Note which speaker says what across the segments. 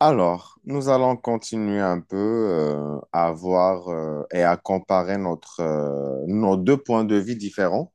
Speaker 1: Alors, nous allons continuer un peu à voir et à comparer nos deux points de vue différents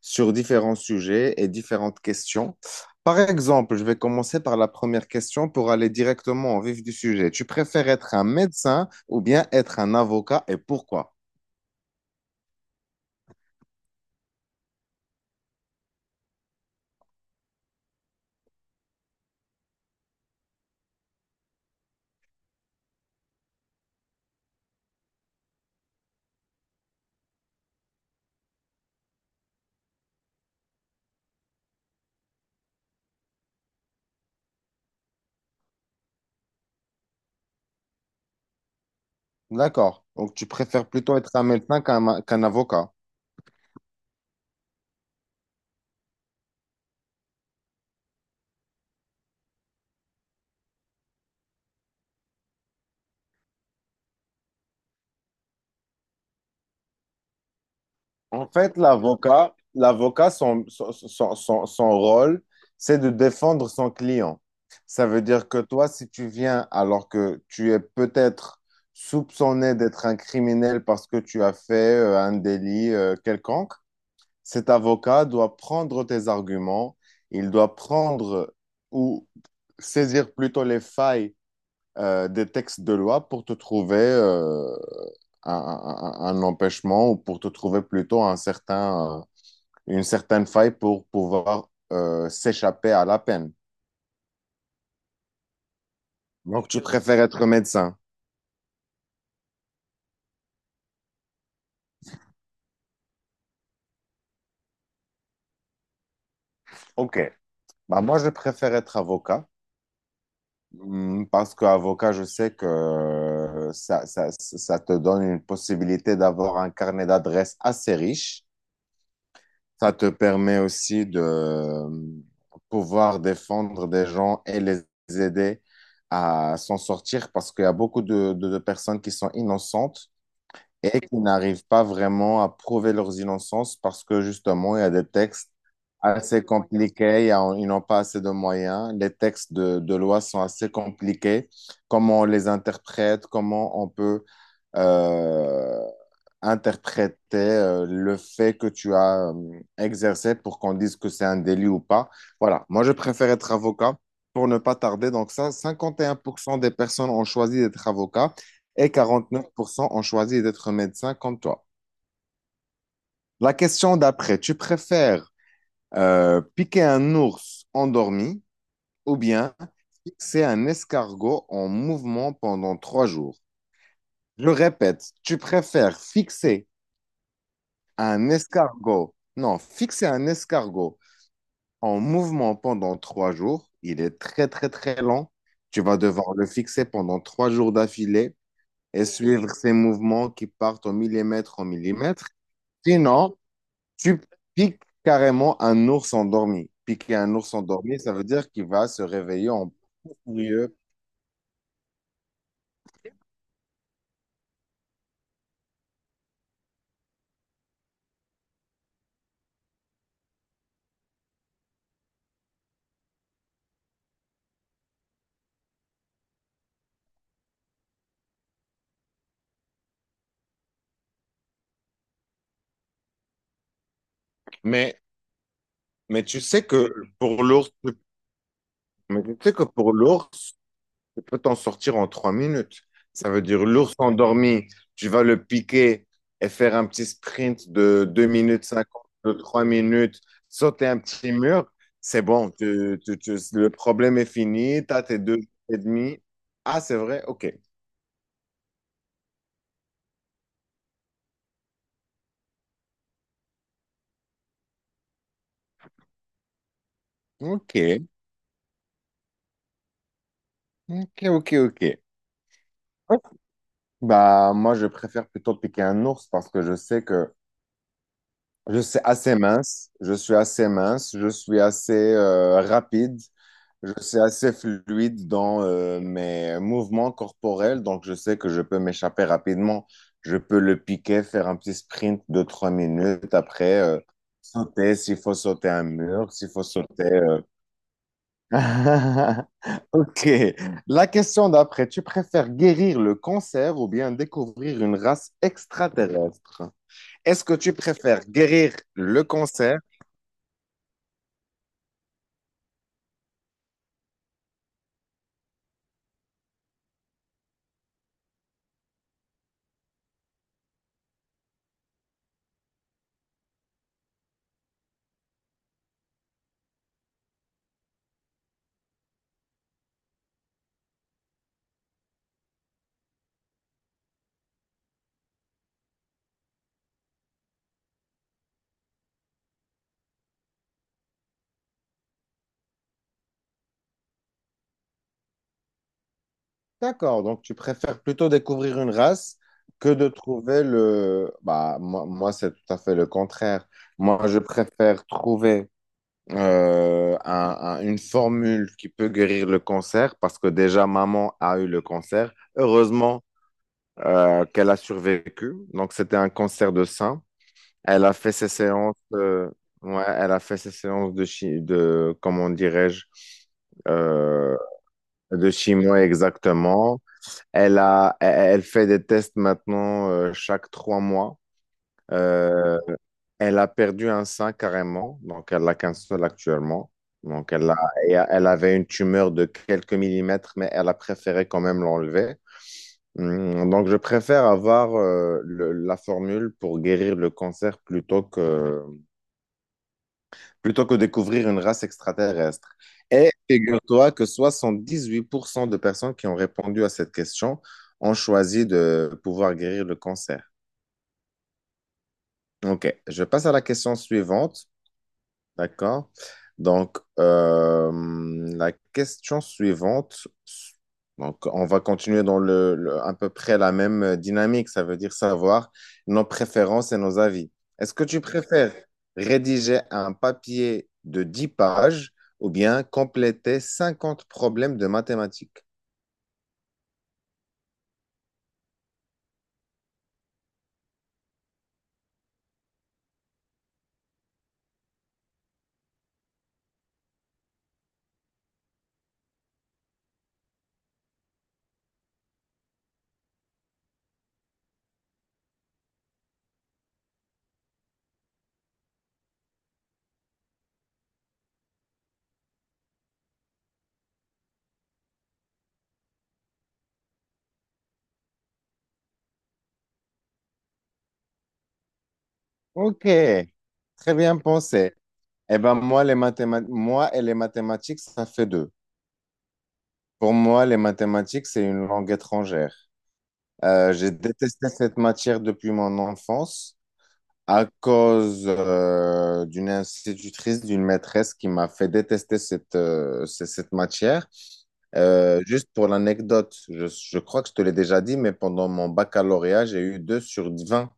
Speaker 1: sur différents sujets et différentes questions. Par exemple, je vais commencer par la première question pour aller directement au vif du sujet. Tu préfères être un médecin ou bien être un avocat et pourquoi? D'accord. Donc, tu préfères plutôt être un médecin qu'un avocat. En fait, l'avocat, son rôle, c'est de défendre son client. Ça veut dire que toi, si tu viens alors que tu es peut-être soupçonné d'être un criminel parce que tu as fait un délit quelconque, cet avocat doit prendre tes arguments, il doit prendre ou saisir plutôt les failles des textes de loi pour te trouver un empêchement ou pour te trouver plutôt un certain, une certaine faille pour pouvoir s'échapper à la peine. Donc, tu préfères être médecin. OK. Bah, moi, je préfère être avocat parce qu'avocat, je sais que ça te donne une possibilité d'avoir un carnet d'adresses assez riche. Ça te permet aussi de pouvoir défendre des gens et les aider à s'en sortir parce qu'il y a beaucoup de personnes qui sont innocentes et qui n'arrivent pas vraiment à prouver leurs innocences parce que justement, il y a des textes assez compliqués, ils n'ont pas assez de moyens, les textes de loi sont assez compliqués, comment on les interprète, comment on peut euh, interprétait le fait que tu as exercé pour qu'on dise que c'est un délit ou pas. Voilà, moi je préfère être avocat pour ne pas tarder. Donc ça, 51% des personnes ont choisi d'être avocat et 49% ont choisi d'être médecin comme toi. La question d'après, tu préfères piquer un ours endormi ou bien fixer un escargot en mouvement pendant 3 jours? Je répète, tu préfères fixer Un escargot. Non, fixer un escargot en mouvement pendant trois jours, il est très très très lent. Tu vas devoir le fixer pendant 3 jours d'affilée et suivre ses mouvements qui partent au millimètre au millimètre. Sinon, tu piques carrément un ours endormi. Piquer un ours endormi, ça veut dire qu'il va se réveiller en furieux. Mais, mais tu sais que pour l'ours, mais tu sais que pour l'ours, Tu peux t'en sortir en 3 minutes. Ça veut dire l'ours endormi, tu vas le piquer et faire un petit sprint de 2 minutes 50 de 3 minutes, sauter un petit mur. C'est bon, le problème est fini, tu as tes 2 jours et demi. Ah, c'est vrai? Ok. Ok, ok, ok, ok. Bah, moi, je préfère plutôt piquer un ours parce que je sais que je suis assez mince, je suis assez rapide, je suis assez fluide dans mes mouvements corporels, donc je sais que je peux m'échapper rapidement. Je peux le piquer, faire un petit sprint de 3 minutes, après sauter s'il faut sauter un mur, s'il faut sauter. Ok, la question d'après, tu préfères guérir le cancer ou bien découvrir une race extraterrestre? Est-ce que tu préfères guérir le cancer? D'accord, donc tu préfères plutôt découvrir une race que de trouver le... Bah, moi, c'est tout à fait le contraire. Moi, je préfère trouver une formule qui peut guérir le cancer parce que déjà, maman a eu le cancer. Heureusement qu'elle a survécu. Donc, c'était un cancer de sein. Elle a fait ses séances, ouais, elle a fait ses séances de comment dirais-je, euh, De chimio, exactement. Elle a, elle elle fait des tests maintenant chaque 3 mois. Euh, elle a perdu un sein carrément, donc elle a qu'un seul actuellement. Donc et elle avait une tumeur de quelques millimètres, mais elle a préféré quand même l'enlever. Donc je préfère avoir la formule pour guérir le cancer plutôt que découvrir une race extraterrestre. Et figure-toi que 78% de personnes qui ont répondu à cette question ont choisi de pouvoir guérir le cancer. OK, je passe à la question suivante. D'accord. Donc, la question suivante, donc on va continuer dans à peu près la même dynamique, ça veut dire savoir nos préférences et nos avis. Est-ce que tu préfères rédiger un papier de 10 pages ou bien compléter 50 problèmes de mathématiques? Ok, très bien pensé. Eh ben moi, moi et les mathématiques, ça fait deux. Pour moi, les mathématiques, c'est une langue étrangère. J'ai détesté cette matière depuis mon enfance à cause d'une institutrice, d'une maîtresse qui m'a fait détester cette matière. Juste pour l'anecdote, je crois que je te l'ai déjà dit, mais pendant mon baccalauréat, j'ai eu 2/20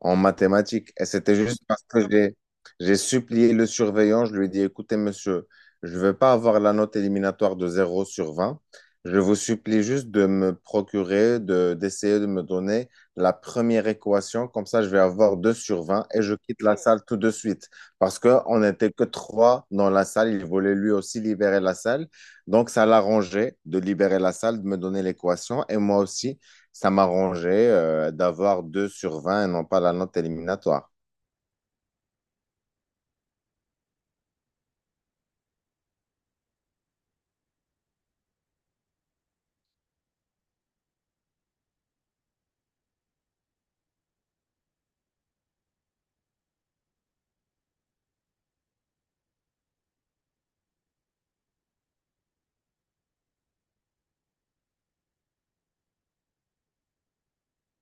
Speaker 1: en mathématiques. Et c'était juste parce que j'ai supplié le surveillant. Je lui ai dit, écoutez, monsieur, je ne veux pas avoir la note éliminatoire de 0/20. Je vous supplie juste de me procurer, d'essayer de me donner la première équation. Comme ça, je vais avoir 2/20 et je quitte la salle tout de suite. Parce qu'on n'était que trois dans la salle. Il voulait lui aussi libérer la salle. Donc, ça l'arrangeait de libérer la salle, de me donner l'équation. Et moi aussi, ça m'arrangeait d'avoir 2/20 et non pas la note éliminatoire.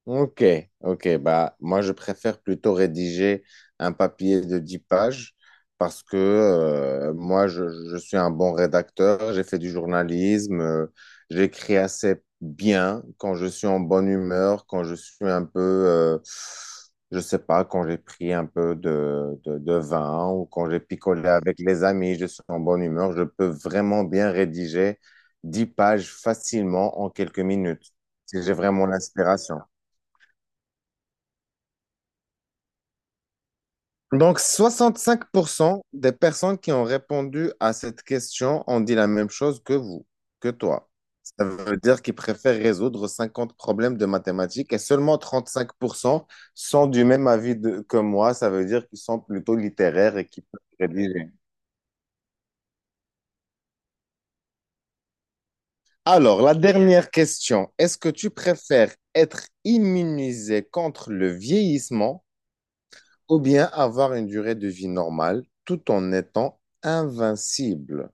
Speaker 1: Ok, ok. Bah, moi, je préfère plutôt rédiger un papier de 10 pages parce que moi, je suis un bon rédacteur, j'ai fait du journalisme, j'écris assez bien quand je suis en bonne humeur, quand je suis un peu, je sais pas, quand j'ai pris un peu de vin ou quand j'ai picolé avec les amis, je suis en bonne humeur, je peux vraiment bien rédiger 10 pages facilement en quelques minutes si j'ai vraiment l'inspiration. Donc, 65% des personnes qui ont répondu à cette question ont dit la même chose que vous, que toi. Ça veut dire qu'ils préfèrent résoudre 50 problèmes de mathématiques et seulement 35% sont du même avis que moi. Ça veut dire qu'ils sont plutôt littéraires et qu'ils peuvent rédiger. Alors, la dernière question. Est-ce que tu préfères être immunisé contre le vieillissement ou bien avoir une durée de vie normale tout en étant invincible?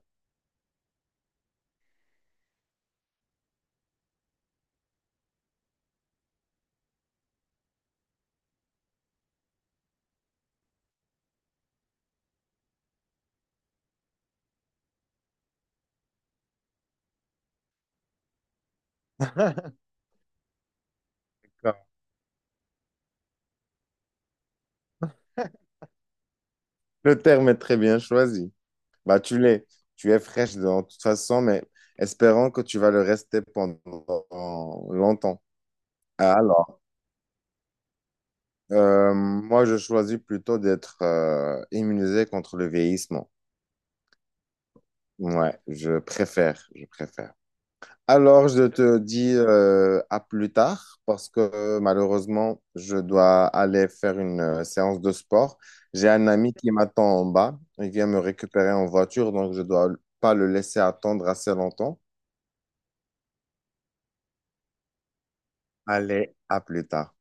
Speaker 1: Le terme est très bien choisi. Bah, tu l'es. Tu es fraîche de toute façon, mais espérons que tu vas le rester pendant longtemps. Alors, moi, je choisis plutôt d'être immunisé contre le vieillissement. Ouais, je préfère, je préfère. Alors, je te dis à plus tard parce que malheureusement, je dois aller faire une séance de sport. J'ai un ami qui m'attend en bas. Il vient me récupérer en voiture, donc je dois pas le laisser attendre assez longtemps. Allez, à plus tard.